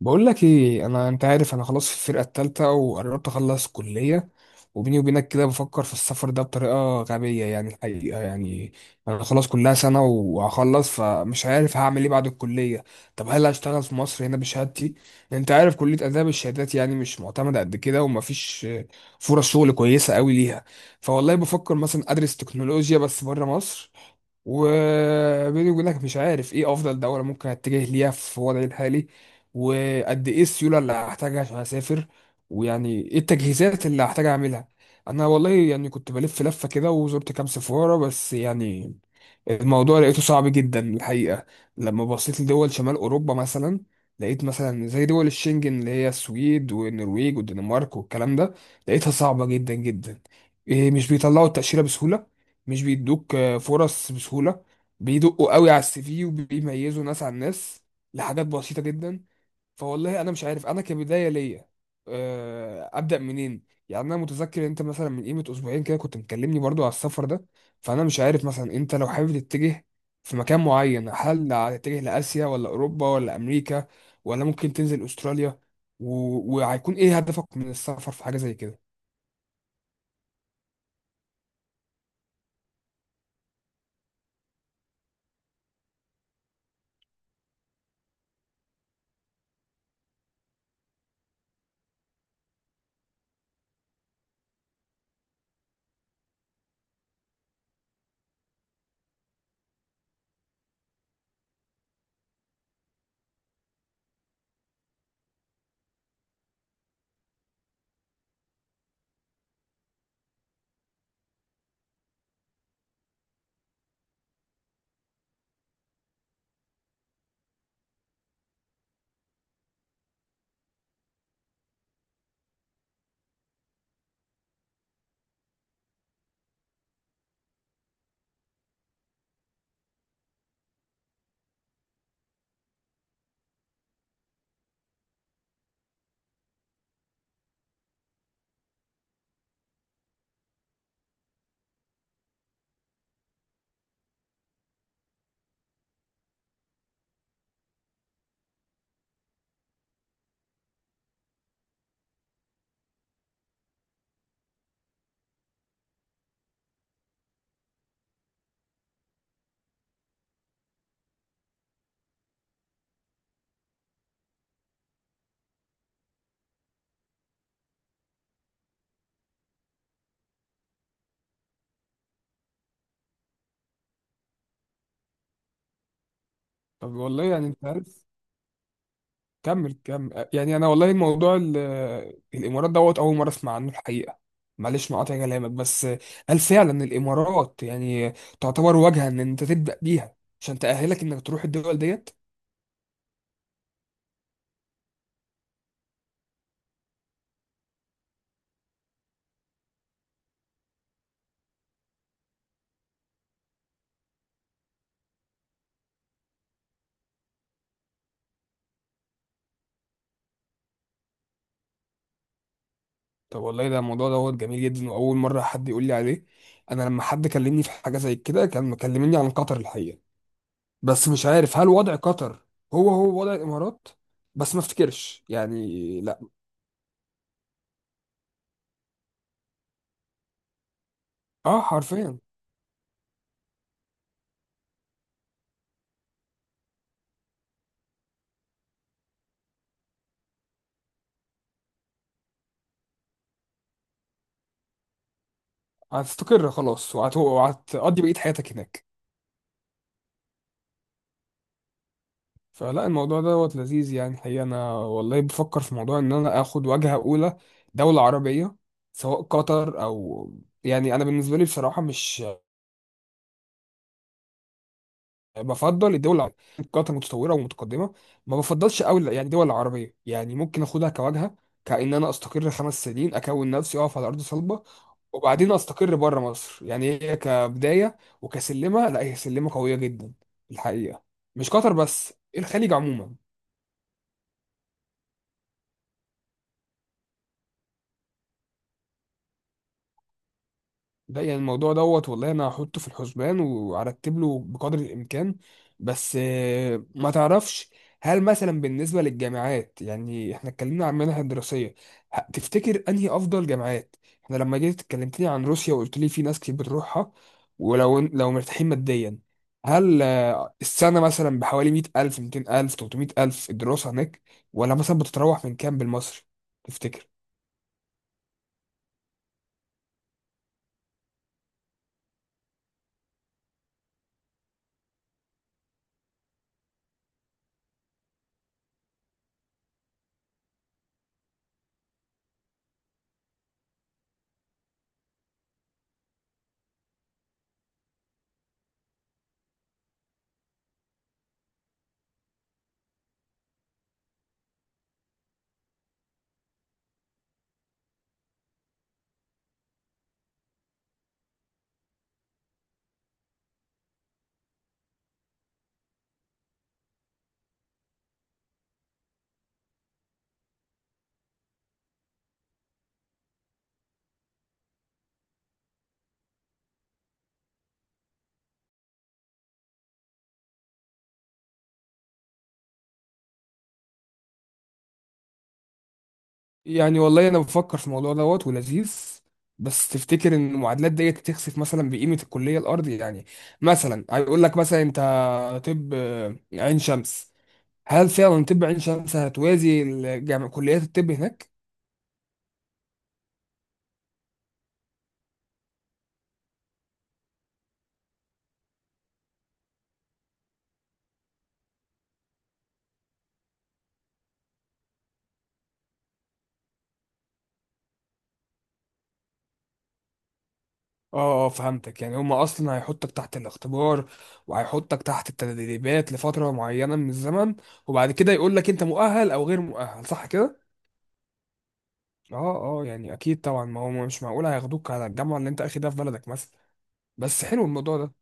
بقول لك ايه، انا انت عارف، انا خلاص في الفرقه الثالثه وقربت اخلص كليه. وبيني وبينك كده بفكر في السفر ده بطريقه غبيه، يعني الحقيقه يعني انا خلاص كلها سنه وهخلص، فمش عارف هعمل ايه بعد الكليه. طب هل هشتغل في مصر هنا بشهادتي؟ انت عارف كليه اداب الشهادات يعني مش معتمده قد كده، ومفيش فرص شغل كويسه قوي ليها. فوالله بفكر مثلا ادرس تكنولوجيا بس بره مصر. وبيني وبينك مش عارف ايه افضل دوله ممكن اتجه ليها في وضعي الحالي، وقد ايه السيوله اللي هحتاجها عشان اسافر، ويعني ايه التجهيزات اللي هحتاج اعملها. انا والله يعني كنت بلف لفه كده وزرت كام سفاره، بس يعني الموضوع لقيته صعب جدا الحقيقه. لما بصيت لدول شمال اوروبا مثلا، لقيت مثلا زي دول الشنجن اللي هي السويد والنرويج والدنمارك والكلام ده، لقيتها صعبه جدا جدا. إيه، مش بيطلعوا التاشيره بسهوله. مش بيدوك فرص بسهوله. بيدقوا قوي على السي في وبيميزوا ناس عن ناس لحاجات بسيطه جدا. فوالله انا مش عارف انا كبدايه ليا ابدا منين. يعني انا متذكر انت مثلا من قيمه اسبوعين كده كنت مكلمني برضو على السفر ده، فانا مش عارف مثلا انت لو حابب تتجه في مكان معين، هل هتتجه لاسيا ولا اوروبا ولا امريكا ولا ممكن تنزل استراليا و... وهيكون ايه هدفك من السفر في حاجه زي كده؟ طب والله يعني انت عارف. كمل كمل، يعني انا والله الموضوع الامارات دوت اول مره اسمع عنه الحقيقه. معلش مقاطع كلامك بس، هل فعلا الامارات يعني تعتبر واجهه ان انت تبدا بيها عشان تاهلك انك تروح الدول ديت؟ طب والله ده الموضوع دوت جميل جدا، واول مره حد يقول لي عليه. انا لما حد كلمني في حاجه زي كده كان مكلمني عن قطر الحقيقه، بس مش عارف هل وضع قطر هو هو وضع الامارات، بس ما افتكرش يعني لا. اه حرفيا. هتستقر خلاص وهتقضي بقيه حياتك هناك؟ فلا الموضوع دوت لذيذ يعني. حقيقة أنا والله بفكر في موضوع إن أنا آخد وجهة أولى دولة عربية، سواء قطر أو، يعني أنا بالنسبة لي بصراحة مش بفضل الدول العربية. قطر متطورة ومتقدمة، ما بفضلش أوي يعني دول عربية، يعني ممكن آخدها كوجهة كأن أنا أستقر خمس سنين أكون نفسي أقف على أرض صلبة. وبعدين أستقر بره مصر، يعني هي كبداية وكسلمة، لا هي سلمة قوية جدا الحقيقة. مش قطر بس، الخليج عموما. ده يعني الموضوع دوت والله انا هحطه في الحسبان وارتب له بقدر الامكان. بس ما تعرفش هل مثلا بالنسبه للجامعات، يعني احنا اتكلمنا عن منح الدراسيه، تفتكر انهي افضل جامعات؟ احنا لما جيت اتكلمتني عن روسيا وقلت لي في ناس كتير بتروحها، ولو لو مرتاحين ماديا، هل السنه مثلا بحوالي 100,000 200,000 300,000 الدراسه هناك؟ ولا مثلا بتتراوح من كام بالمصري؟ تفتكر. يعني والله انا بفكر في الموضوع دوت ولذيذ، بس تفتكر ان المعادلات ديت تخسف مثلا بقيمه الكليه الارض؟ يعني مثلا هيقول لك مثلا انت، طب عين شمس، هل فعلا طب عين شمس هتوازي الجامع كليات الطب هناك؟ اه فهمتك، يعني هم اصلا هيحطك تحت الاختبار وهيحطك تحت التدريبات لفتره معينه من الزمن، وبعد كده يقول لك انت مؤهل او غير مؤهل صح كده؟ اه اه، يعني اكيد طبعا، ما هو مش معقول هياخدوك على الجامعه اللي انت اخدها في بلدك مثلا. بس حلو الموضوع ده.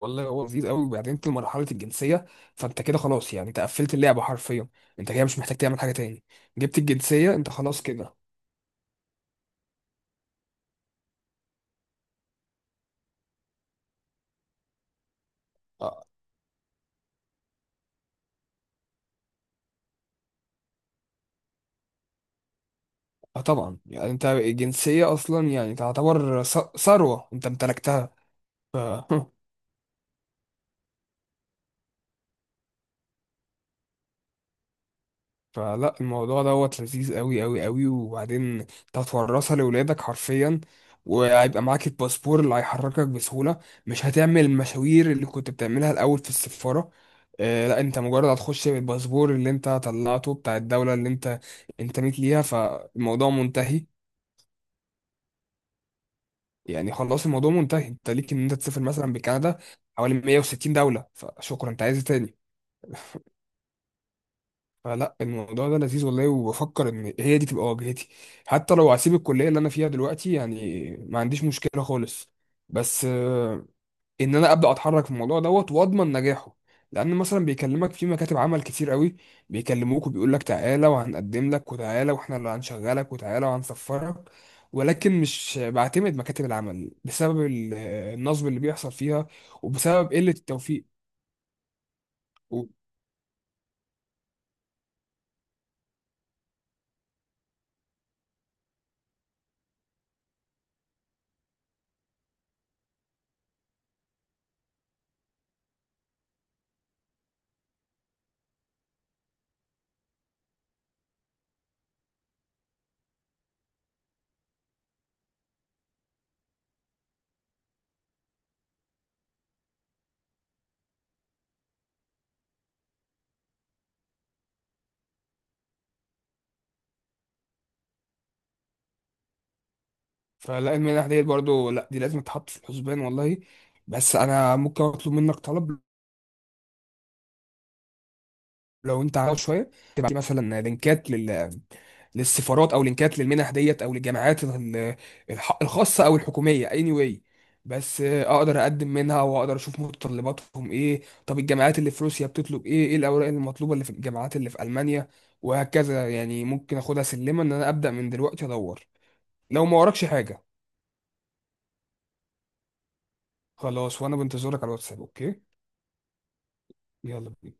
والله هو لذيذ قوي، وبعدين انت لمرحله الجنسيه فانت كده خلاص، يعني انت قفلت اللعبه حرفيا، انت كده مش محتاج تعمل حاجه تاني. جبت الجنسيه انت خلاص كده. اه. آه طبعا، يعني انت الجنسيه اصلا يعني تعتبر ثروه انت امتلكتها. ف- فلا الموضوع دوت لذيذ قوي قوي قوي، وبعدين انت هتورثها لاولادك حرفيا، وهيبقى معاك الباسبور اللي هيحركك بسهولة، مش هتعمل المشاوير اللي كنت بتعملها الأول في السفارة. آه لا، انت مجرد هتخش بالباسبور اللي انت طلعته بتاع الدولة اللي انت انتميت ليها، فالموضوع منتهي. يعني خلاص الموضوع منتهي، انت ليك ان انت تسافر مثلا بكندا حوالي 160 دولة، فشكرا انت عايز إيه تاني؟ فلا الموضوع ده لذيذ والله، وبفكر ان هي دي تبقى واجهتي حتى لو هسيب الكليه اللي انا فيها دلوقتي، يعني ما عنديش مشكله خالص. بس ان انا ابدا اتحرك في الموضوع دوت واضمن نجاحه، لان مثلا بيكلمك في مكاتب عمل كتير قوي، بيكلموك وبيقول لك تعالى وهنقدم لك وتعالى واحنا اللي هنشغلك وتعالى وهنسفرك، ولكن مش بعتمد مكاتب العمل بسبب النصب اللي بيحصل فيها وبسبب قله التوفيق. فلا المنح ديت برضو، لا دي لازم تتحط في الحسبان والله. بس انا ممكن اطلب منك طلب، لو انت عاوز شويه تبعت لي مثلا لينكات للسفارات او لينكات للمنح ديت او للجامعات الخاصه او الحكوميه anyway. بس اقدر اقدم منها واقدر اشوف متطلباتهم ايه؟ طب الجامعات اللي في روسيا بتطلب ايه؟ ايه الاوراق المطلوبه اللي في الجامعات اللي في المانيا؟ وهكذا، يعني ممكن اخدها سلمه ان انا ابدا من دلوقتي ادور لو ما وراكش حاجه. خلاص، وانا بنتظرك على الواتساب اوكي. يلا بينا.